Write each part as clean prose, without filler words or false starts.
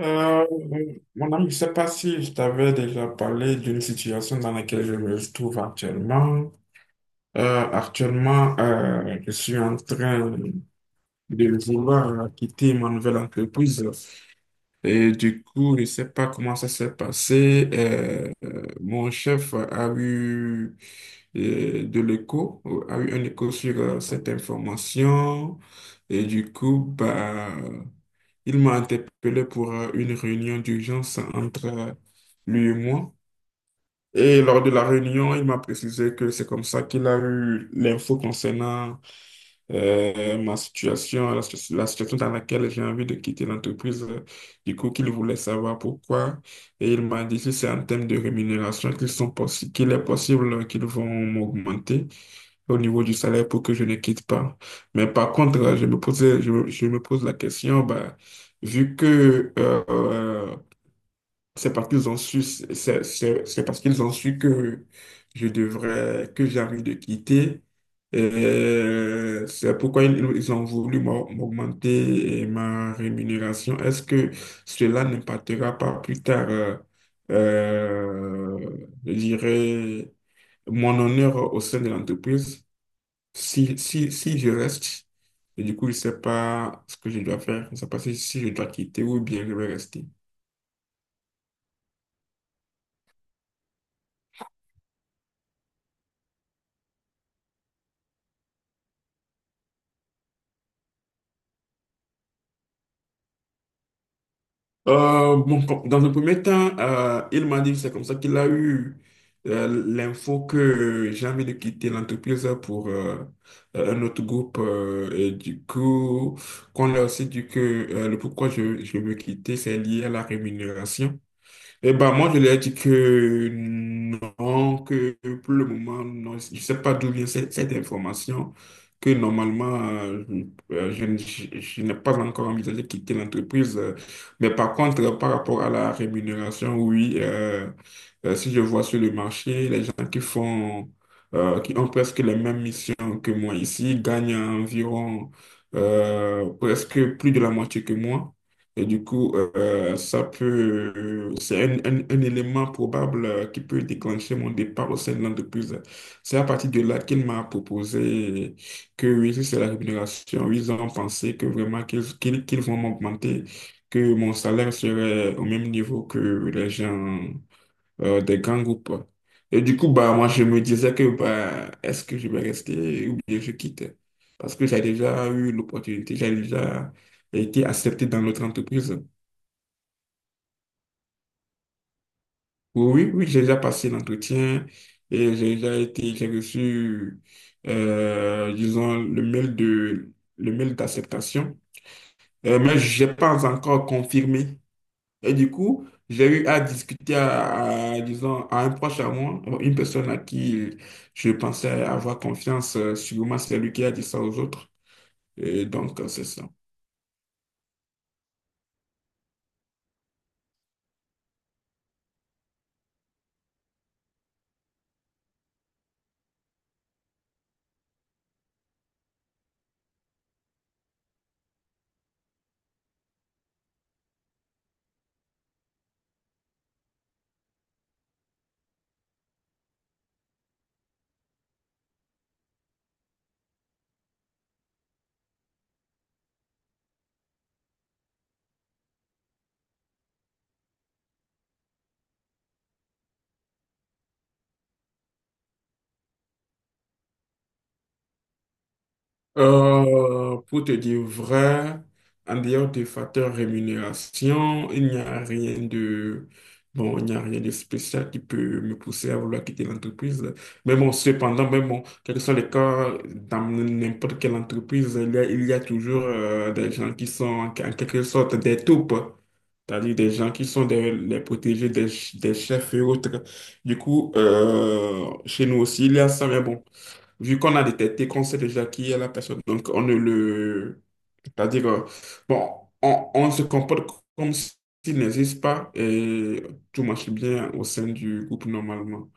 Euh, Mon ami, je ne sais pas si je t'avais déjà parlé d'une situation dans laquelle je me trouve actuellement. Actuellement, je suis en train de vouloir quitter ma nouvelle entreprise et du coup, je ne sais pas comment ça s'est passé. Mon chef a eu de l'écho, a eu un écho sur cette information. Et du coup, bah, il m'a interpellé pour une réunion d'urgence entre lui et moi. Et lors de la réunion, il m'a précisé que c'est comme ça qu'il a eu l'info concernant ma situation, la situation dans laquelle j'ai envie de quitter l'entreprise. Du coup, qu'il voulait savoir pourquoi. Et il m'a dit si c'est en termes de rémunération qu'il est possible qu'ils vont m'augmenter au niveau du salaire pour que je ne quitte pas. Mais par contre, je me pose la question, bah, vu que c'est parce qu'ils ont su, c'est parce qu'ils ont su que j'ai envie de quitter. Et c'est pourquoi ils ont voulu m'augmenter ma rémunération. Est-ce que cela n'impactera pas plus tard, je dirais, mon honneur au sein de l'entreprise? Si je reste, et du coup, je ne sais pas ce que je dois faire. Je ne sais pas si, si je dois quitter ou bien je vais rester. Dans un premier temps, il m'a dit que c'est comme ça qu'il a eu l'info que j'ai envie de quitter l'entreprise pour un autre groupe. Et du coup, qu'on a aussi dit que le pourquoi je veux quitter, c'est lié à la rémunération. Eh ben, moi, je leur ai dit que non, que pour le moment, non, je ne sais pas d'où vient cette information, que normalement, je n'ai pas encore envisagé de quitter l'entreprise. Mais par contre, par rapport à la rémunération, oui, si je vois sur le marché, les gens qui font, qui ont presque les mêmes missions que moi ici, gagnent environ presque plus de la moitié que moi. Et du coup, ça peut, c'est un élément probable qui peut déclencher mon départ au sein de l'entreprise. C'est à partir de là qu'il m'a proposé que oui, si c'est la rémunération, ils ont pensé que vraiment qu'ils vont m'augmenter, que mon salaire serait au même niveau que les gens des grands groupes. Et du coup, bah, moi, je me disais que bah, est-ce que je vais rester ou bien je quitte? Parce que j'ai déjà eu l'opportunité, j'ai déjà été accepté dans notre entreprise. Oui, oui, oui, j'ai déjà passé l'entretien et j'ai reçu, disons, le mail d'acceptation. Mais j'ai pas encore confirmé. Et du coup, j'ai eu à discuter disons, à un proche à moi, bon, une personne à qui je pensais avoir confiance, sûrement c'est lui qui a dit ça aux autres. Et donc, c'est ça. Pour te dire vrai, en dehors des facteurs rémunération, il n'y a rien de bon, il n'y a rien de spécial qui peut me pousser à vouloir quitter l'entreprise. Mais bon, cependant, mais bon, quel que soit le cas, dans n'importe quelle entreprise, il y a toujours des gens qui sont en en quelque sorte des taupes. C'est-à-dire des gens qui sont les protégés des chefs et autres. Du coup, chez nous aussi, il y a ça, mais bon. Vu qu'on a détecté qu'on sait déjà qui est la personne, donc on ne le... C'est-à-dire, bon, on se comporte comme s'il n'existe pas et tout marche bien au sein du groupe normalement.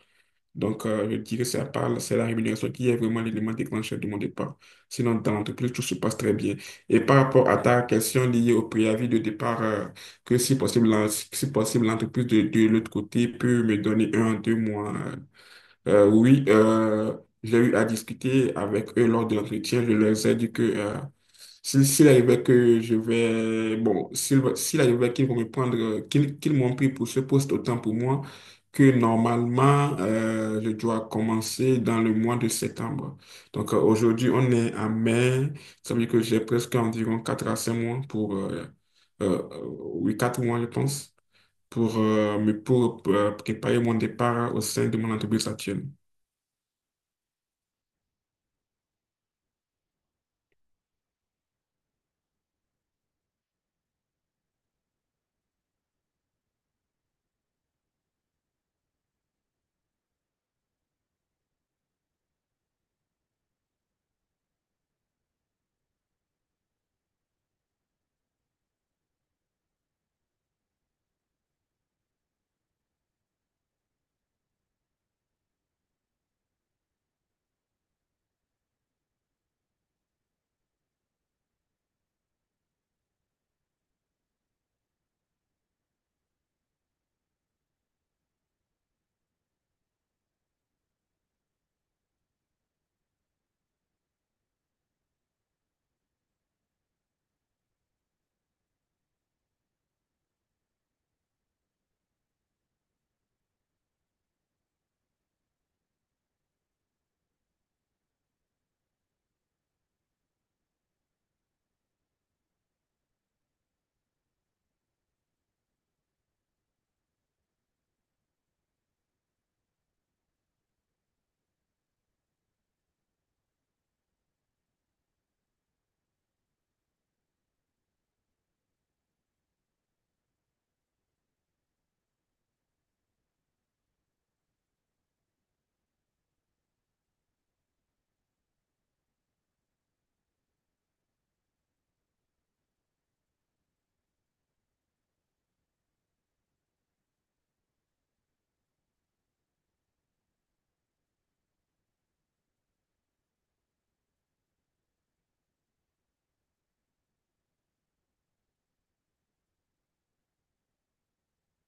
Donc, je dirais que c'est la rémunération qui est vraiment l'élément déclencheur de mon départ. Sinon, dans l'entreprise, tout se passe très bien. Et par rapport à ta question liée au préavis de départ, que si possible, si possible, l'entreprise de l'autre côté peut me donner un, à 2 mois oui, j'ai eu à discuter avec eux lors de l'entretien. Je leur ai dit que s'il arrivait que je vais, bon, s'il arrivait qu'ils vont me prendre, qu'ils m'ont pris pour ce poste, autant pour moi que normalement, je dois commencer dans le mois de septembre. Donc aujourd'hui, on est en mai. Ça veut dire que j'ai presque environ 4 à 5 mois pour, oui, 4 mois, je pense, pour, pour préparer mon départ au sein de mon entreprise actuelle.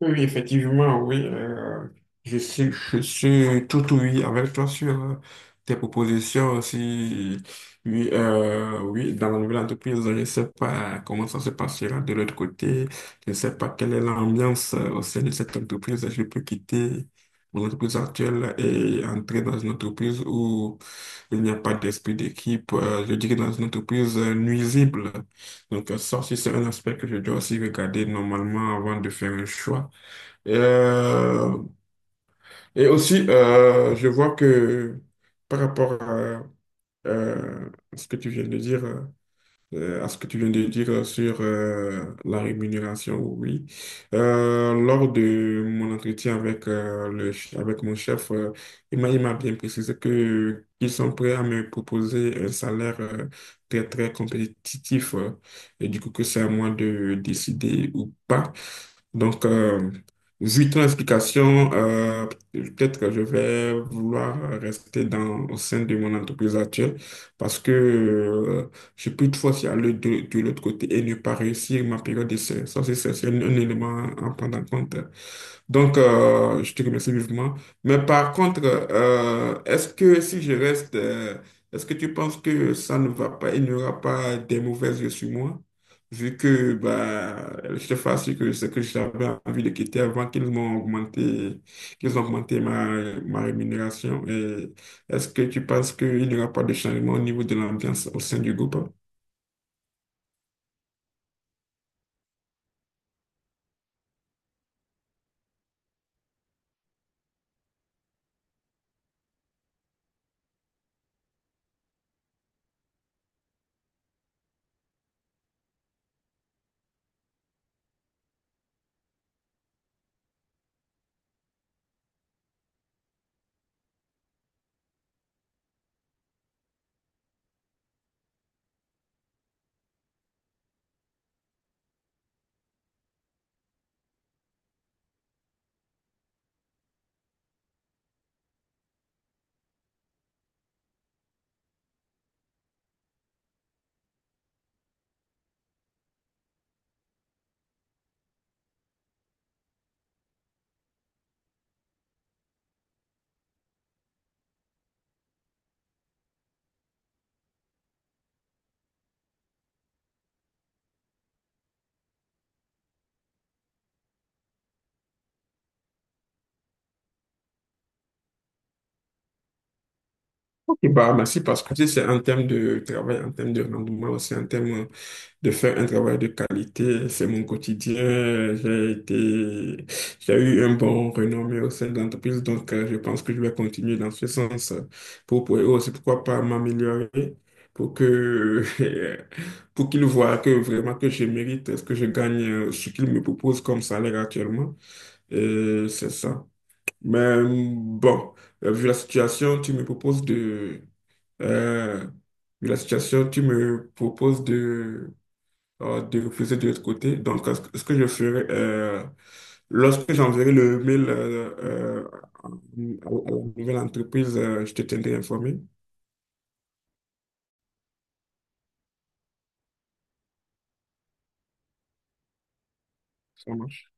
Oui, effectivement, oui. Je suis, je suis tout oui avec toi sur tes propositions aussi. Oui, oui, dans la nouvelle entreprise, je ne sais pas comment ça se passera de l'autre côté. Je ne sais pas quelle est l'ambiance au sein de cette entreprise. Je peux quitter mon entreprise actuelle et entrer dans une entreprise où il n'y a pas d'esprit d'équipe. Je dirais dans une entreprise nuisible. Donc, ça aussi, c'est un aspect que je dois aussi regarder normalement avant de faire un choix. Et, Euh, et aussi, je vois que par rapport à, euh, ce que tu viens de dire, à ce que tu viens de dire sur la rémunération, oui. Lors de mon entretien avec, avec mon chef, il m'a bien précisé que qu'ils sont prêts à me proposer un salaire très, très compétitif. Et du coup, que c'est à moi de décider ou pas. Donc, vu ton explication, peut-être que je vais vouloir rester au sein de mon entreprise actuelle parce que je peux toutefois y aller de l'autre côté et ne pas réussir ma période d'essai. Ça, c'est un élément à prendre en compte. Donc, je te remercie vivement. Mais par contre, est-ce que si je reste, est-ce que tu penses que ça ne va pas, il n'y aura pas des mauvais yeux sur moi? Vu que bah, je te fasse que c'est que j'avais envie de quitter avant qu'ils ont augmenté ma rémunération. Et est-ce que tu penses qu'il n'y aura pas de changement au niveau de l'ambiance au sein du groupe? Et bah, merci parce que tu sais, c'est un thème de travail, un thème de rendement, c'est un thème de faire un travail de qualité. C'est mon quotidien. J'ai eu un bon renommé au sein de l'entreprise, donc je pense que je vais continuer dans ce sens pour aussi, pourquoi pas m'améliorer pour que, pour qu'ils voient que vraiment que je mérite ce que je gagne, ce qu'ils me proposent comme salaire actuellement. Et c'est ça. Mais bon, vu la situation, tu me proposes de... euh, vu la situation, tu me proposes de refuser de l'autre côté. Donc, ce que je ferai, lorsque j'enverrai le mail euh, à la nouvelle entreprise, je te tiendrai informé. Ça marche.